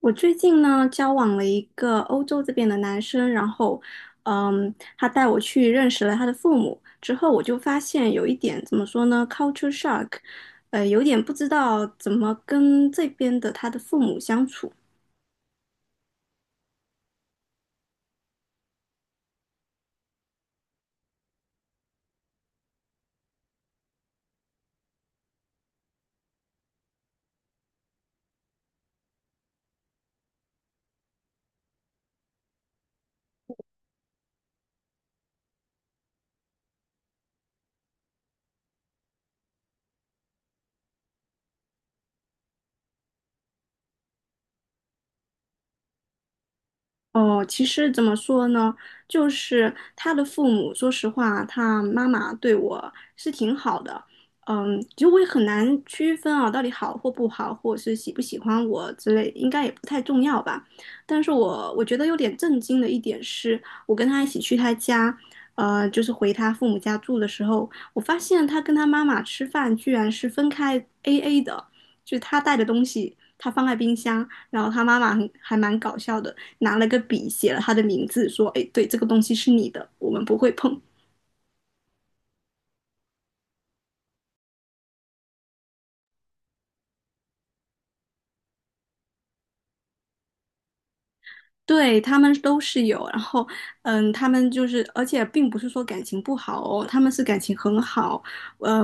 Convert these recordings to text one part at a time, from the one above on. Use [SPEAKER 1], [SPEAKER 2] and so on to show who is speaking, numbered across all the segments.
[SPEAKER 1] 我最近呢，交往了一个欧洲这边的男生，然后，他带我去认识了他的父母，之后我就发现有一点怎么说呢，culture shock，有点不知道怎么跟这边的他的父母相处。哦，其实怎么说呢，就是他的父母，说实话，他妈妈对我是挺好的，就实我也很难区分啊，到底好或不好，或者是喜不喜欢我之类，应该也不太重要吧。但是我觉得有点震惊的一点是，我跟他一起去他家，就是回他父母家住的时候，我发现他跟他妈妈吃饭居然是分开 AA 的，就是他带的东西，他放在冰箱，然后他妈妈很还蛮搞笑的。拿了个笔写了他的名字，说：“哎，对，这个东西是你的，我们不会碰。”对他们都是有，然后，他们就是，而且并不是说感情不好哦，他们是感情很好。呃，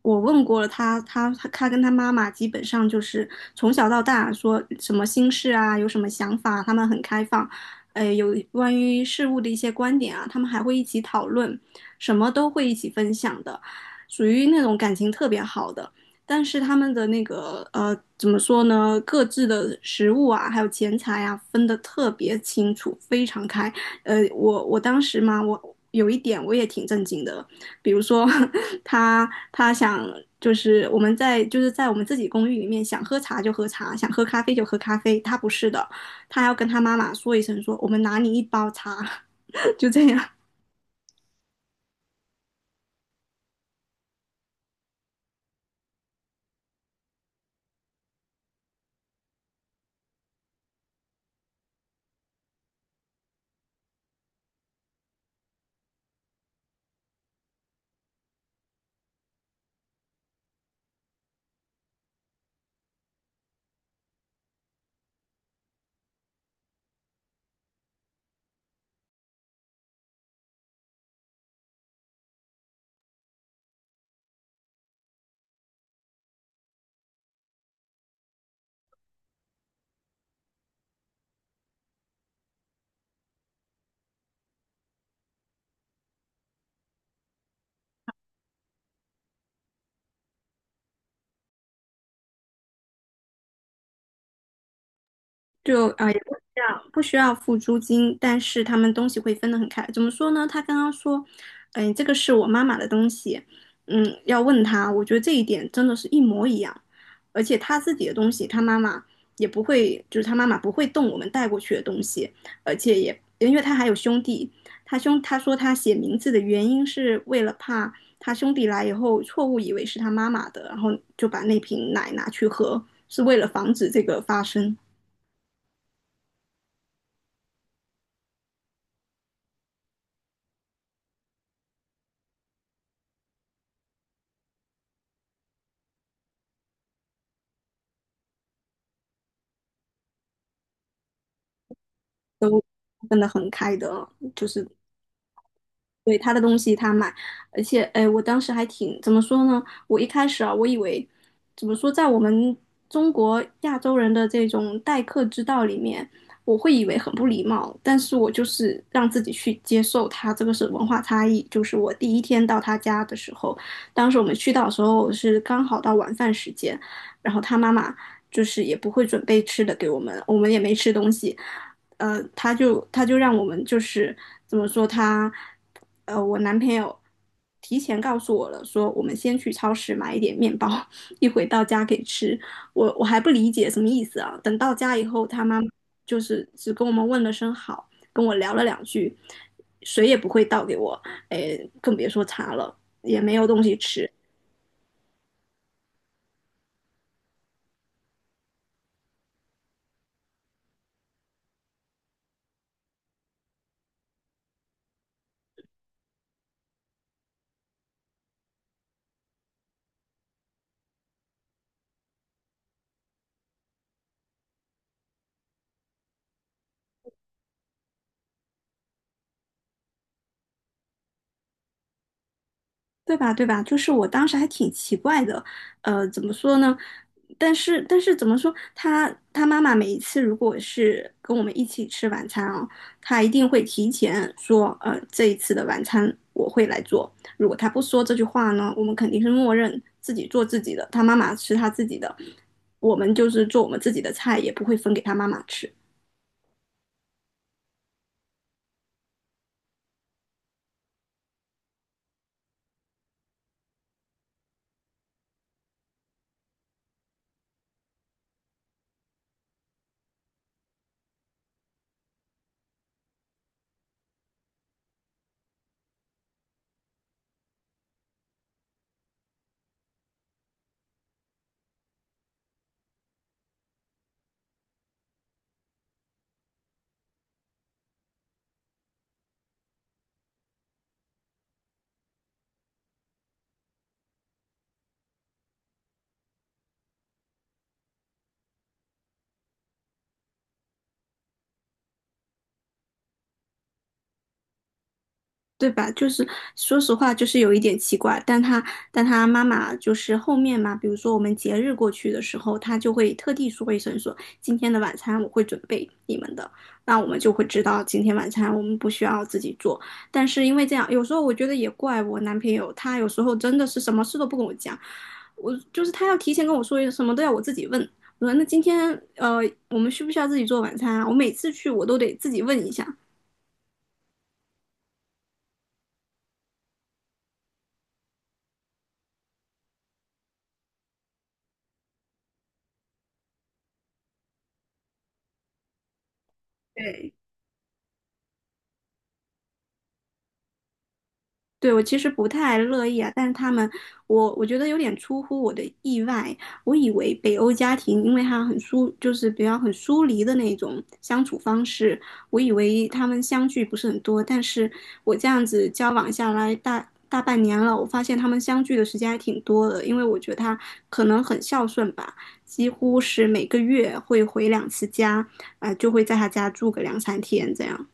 [SPEAKER 1] 我问过了他，他跟他妈妈基本上就是从小到大说什么心事啊，有什么想法，他们很开放。有关于事物的一些观点啊，他们还会一起讨论，什么都会一起分享的，属于那种感情特别好的。但是他们的那个怎么说呢？各自的食物啊，还有钱财啊，分得特别清楚，非常开。我当时嘛，我有一点我也挺震惊的，比如说 他想就是我们在就是在我们自己公寓里面想喝茶就喝茶，想喝咖啡就喝咖啡，他不是的，他还要跟他妈妈说一声说我们拿你一包茶，就这样。就也不需要付租金，但是他们东西会分得很开。怎么说呢？他刚刚说，这个是我妈妈的东西，嗯，要问他。我觉得这一点真的是一模一样，而且他自己的东西，他妈妈也不会，就是他妈妈不会动我们带过去的东西，而且也因为他还有兄弟，他说他写名字的原因是为了怕他兄弟来以后错误以为是他妈妈的，然后就把那瓶奶拿去喝，是为了防止这个发生。分得很开的，就是对他的东西他买，而且哎，我当时还挺怎么说呢？我一开始啊，我以为怎么说，在我们中国亚洲人的这种待客之道里面，我会以为很不礼貌，但是我就是让自己去接受他这个是文化差异。就是我第一天到他家的时候，当时我们去到的时候是刚好到晚饭时间，然后他妈妈就是也不会准备吃的给我们，我们也没吃东西。他就让我们就是怎么说他，我男朋友提前告诉我了，说我们先去超市买一点面包，一会到家可以吃。我我还不理解什么意思啊？等到家以后，他妈妈就是只跟我们问了声好，跟我聊了两句，水也不会倒给我，哎，更别说茶了，也没有东西吃。对吧？对吧？就是我当时还挺奇怪的，怎么说呢？但是怎么说？他妈妈每一次如果是跟我们一起吃晚餐啊，他一定会提前说，这一次的晚餐我会来做。如果他不说这句话呢，我们肯定是默认自己做自己的，他妈妈吃他自己的，我们就是做我们自己的菜，也不会分给他妈妈吃。对吧？就是说实话，就是有一点奇怪，但他妈妈就是后面嘛，比如说我们节日过去的时候，他就会特地说一声说今天的晚餐我会准备你们的，那我们就会知道今天晚餐我们不需要自己做。但是因为这样，有时候我觉得也怪我男朋友，他有时候真的是什么事都不跟我讲，我就是他要提前跟我说什么都要我自己问。我说那今天呃我们需不需要自己做晚餐啊？我每次去我都得自己问一下。对，对，我其实不太乐意啊，但是他们，我觉得有点出乎我的意外。我以为北欧家庭，因为他很疏，就是比较很疏离的那种相处方式，我以为他们相聚不是很多，但是我这样子交往下来大半年了，我发现他们相聚的时间还挺多的，因为我觉得他可能很孝顺吧，几乎是每个月会回两次家，就会在他家住个两三天这样。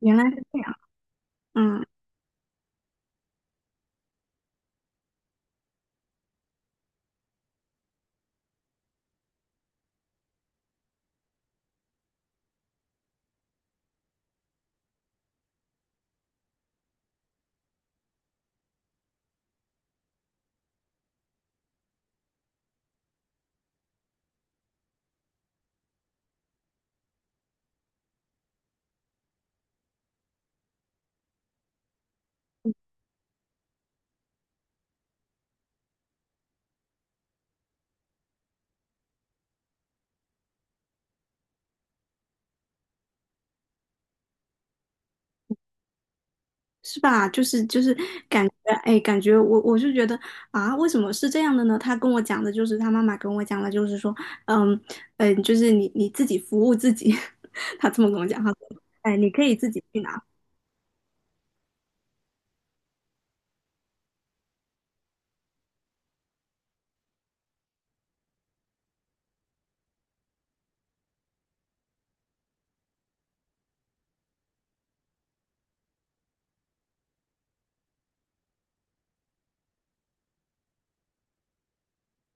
[SPEAKER 1] 原来是这样。嗯。是吧？就是感觉，哎，感觉我就觉得啊，为什么是这样的呢？他跟我讲的就是他妈妈跟我讲的，就是说，嗯，就是你自己服务自己，他这么跟我讲，他说，哎，你可以自己去拿，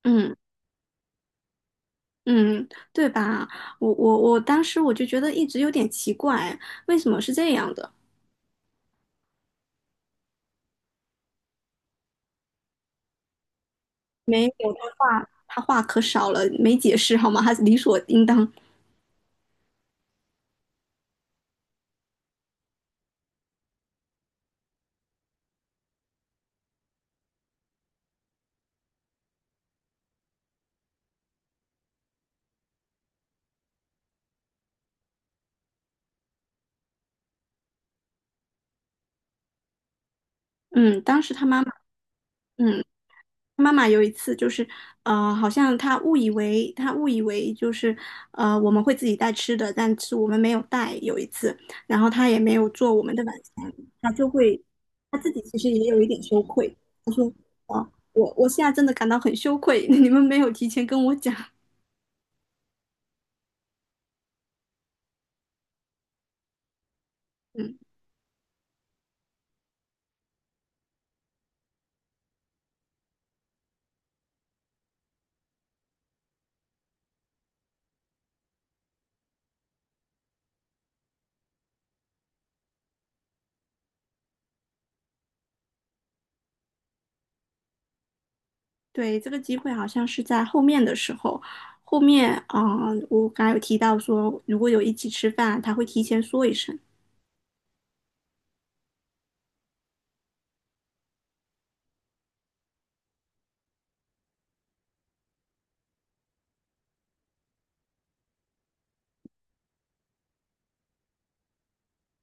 [SPEAKER 1] 嗯，嗯，对吧？我当时我就觉得一直有点奇怪，为什么是这样的？没有，他话可少了，没解释好吗？他理所应当，嗯，当时他妈妈。嗯。妈妈有一次就是，好像她误以为就是，我们会自己带吃的，但是我们没有带。有一次，然后她也没有做我们的晚餐，她就会，她自己其实也有一点羞愧。她说，啊，我现在真的感到很羞愧，你们没有提前跟我讲。嗯，对，这个机会好像是在后面的时候，后面，啊，我刚才有提到说，如果有一起吃饭，她会提前说一声。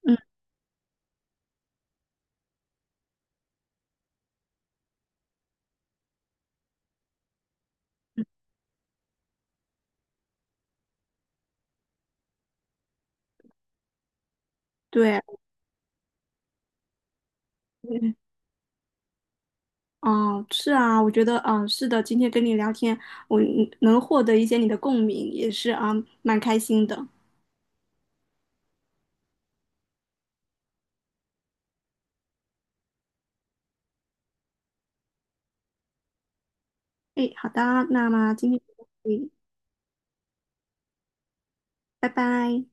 [SPEAKER 1] 嗯，对。哦，是啊，我觉得，嗯，是的，今天跟你聊天，我能获得一些你的共鸣，也是啊，蛮开心的。诶，好的，那么今天就到这里，拜拜。